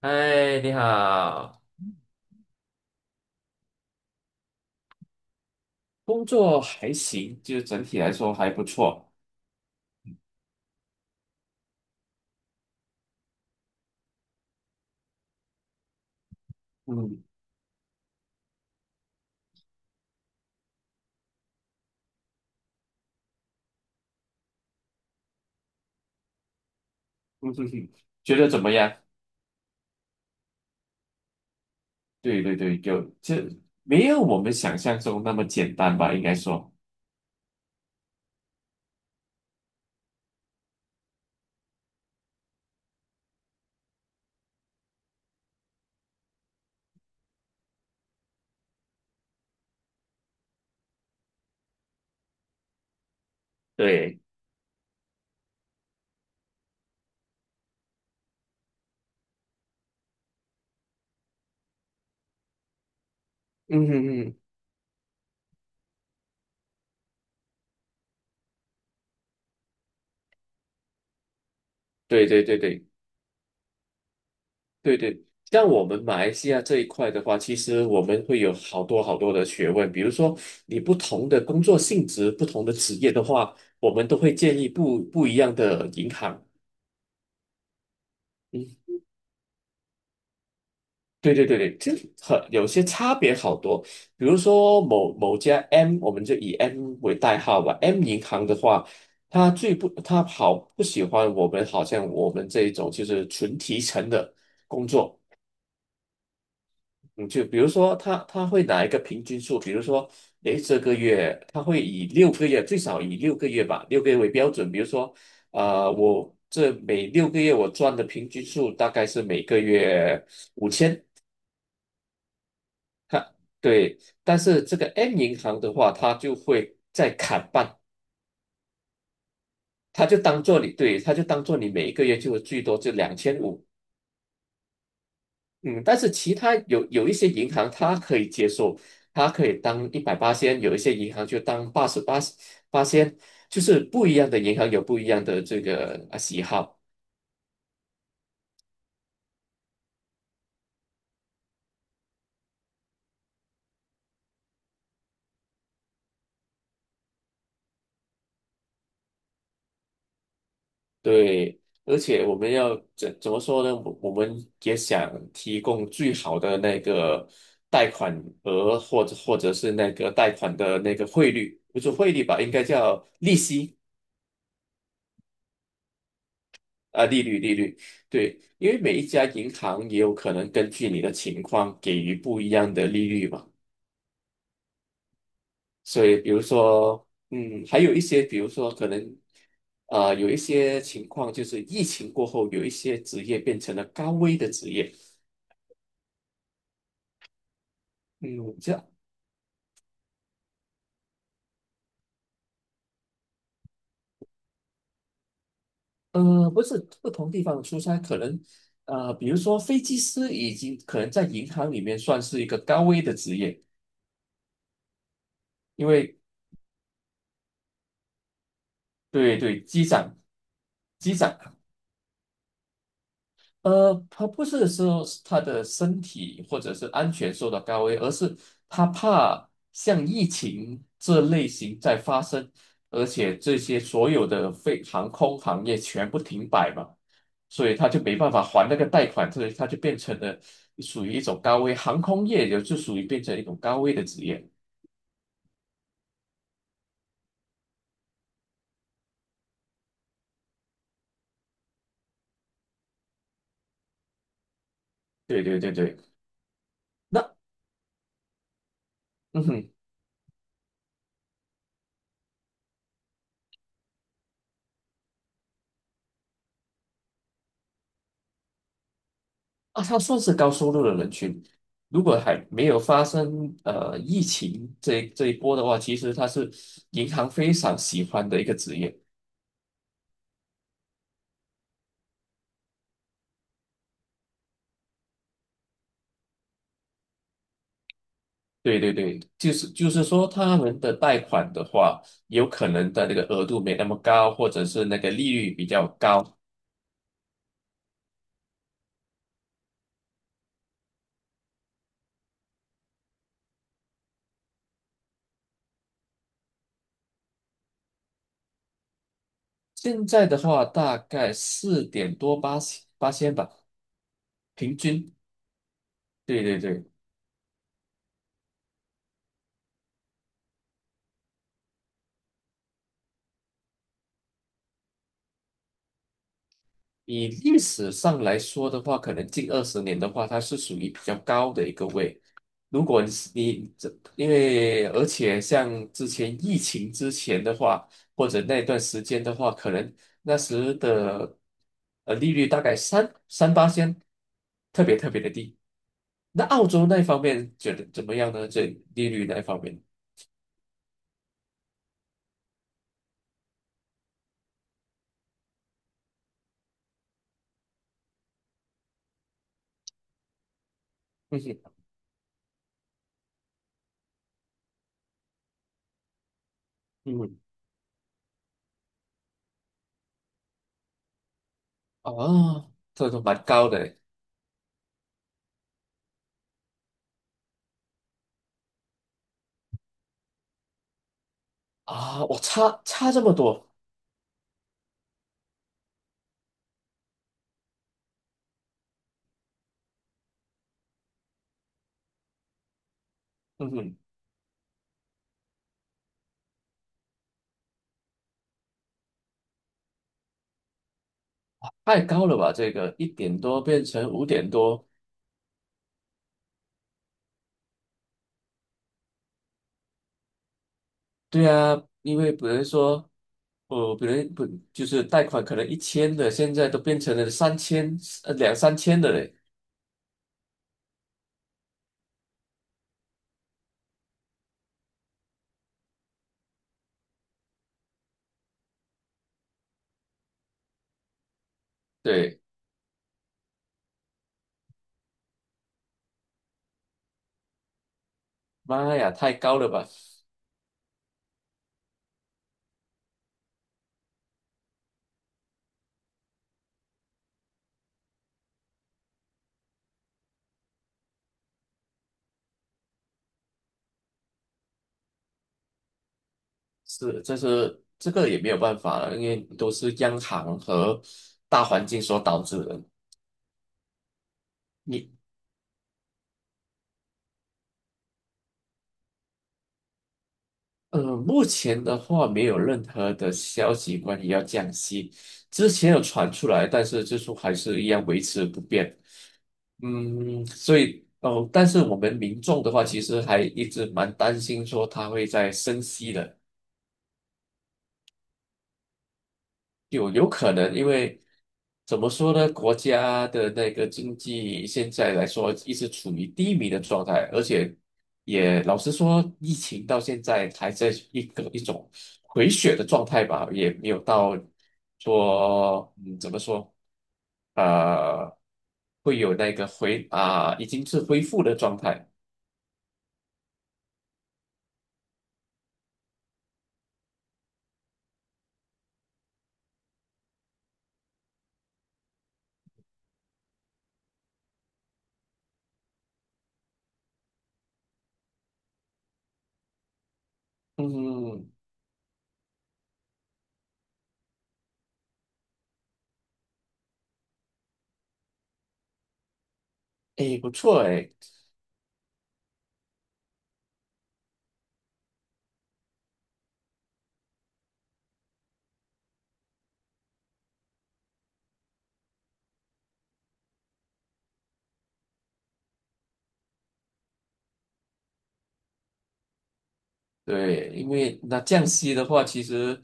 嗨，你好。工作还行，就是整体来说还不错。嗯嗯哼哼，觉得怎么样？对对对，没有我们想象中那么简单吧？应该说，对，嗯嗯嗯，对对对对对对。像我们马来西亚这一块的话，其实我们会有好多好多的学问，比如说你不同的工作性质、不同的职业的话，我们都会建议不一样的银行。嗯。对对对对，这很有些差别好多。比如说某某家 M，我们就以 M 为代号吧。M 银行的话，它好不喜欢我们，好像我们这一种就是纯提成的工作。嗯，就比如说它会拿一个平均数，比如说，诶，这个月它会以六个月，最少以六个月吧，六个月为标准。比如说，我这每6个月我赚的平均数大概是每个月。它对，但是这个 M 银行的话，它就会再砍半。它就当做你对，它就当做你每一个月就最多就2500。嗯，但是其他有一些银行它可以接受，它可以当180仙，有一些银行就当八十八仙，就是不一样的银行有不一样的这个喜好。对，而且我们要怎么说呢？我们也想提供最好的那个贷款额，或者是那个贷款的那个汇率，不是汇率吧，应该叫利息啊，利率。对，因为每一家银行也有可能根据你的情况给予不一样的利率嘛。所以，比如说，还有一些，比如说可能，有一些情况就是疫情过后，有一些职业变成了高危的职业。嗯，不是不同地方的出差。可能比如说飞机师已经可能在银行里面算是一个高危的职业。因为对对，机长他不是说是他的身体或者是安全受到高危，而是他怕像疫情这类型在发生，而且这些所有的航空行业全部停摆嘛，所以他就没办法还那个贷款，所以他就变成了属于一种高危，航空业也就属于变成一种高危的职业。对对对对，那嗯哼。啊，它算是高收入的人群。如果还没有发生疫情这一波的话，其实它是银行非常喜欢的一个职业。对对对，就是说，他们的贷款的话，有可能的那个额度没那么高，或者是那个利率比较高。现在的话，大概4点多八千吧，平均。对对对。以历史上来说的话，可能近20年的话，它是属于比较高的一个位。如果你是你这，而且像之前疫情之前的话，或者那段时间的话，可能那时的利率大概三八仙，特别特别的低。那澳洲那方面觉得怎么样呢？利率那方面，嗯哼，嗯，啊，这都蛮高的啊。我差这么多，嗯哼。太高了吧？这个1点多变成5点多。对啊，因为比如说，比如不就是贷款可能1000的，现在都变成了三千，两三千的嘞。对，妈呀，太高了吧？是，这个也没有办法了，因为都是央行和大环境所导致的。你目前的话没有任何的消息关于要降息，之前有传出来，但是最初还是一样维持不变。嗯，所以哦，但是我们民众的话，其实还一直蛮担心说它会在升息的。有可能。因为怎么说呢，国家的那个经济现在来说一直处于低迷的状态，而且也老实说，疫情到现在还在一种回血的状态吧，也没有到说怎么说，啊？会有那个已经是恢复的状态。嗯，诶，不错诶。对，因为那降息的话，其实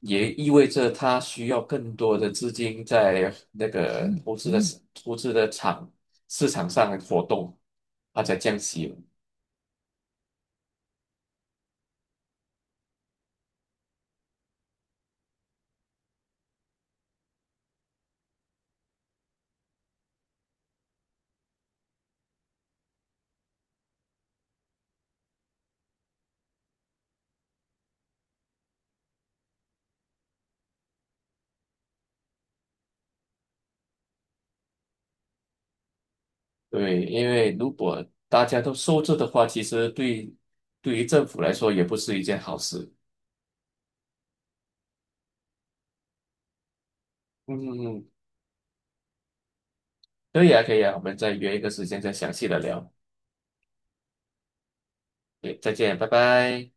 也意味着它需要更多的资金在那个投资的市场上活动，它才降息嘛。对，因为如果大家都收着的话，其实对于政府来说也不是一件好事。嗯嗯嗯，可以啊，可以啊，我们再约一个时间再详细的聊。对，再见，拜拜。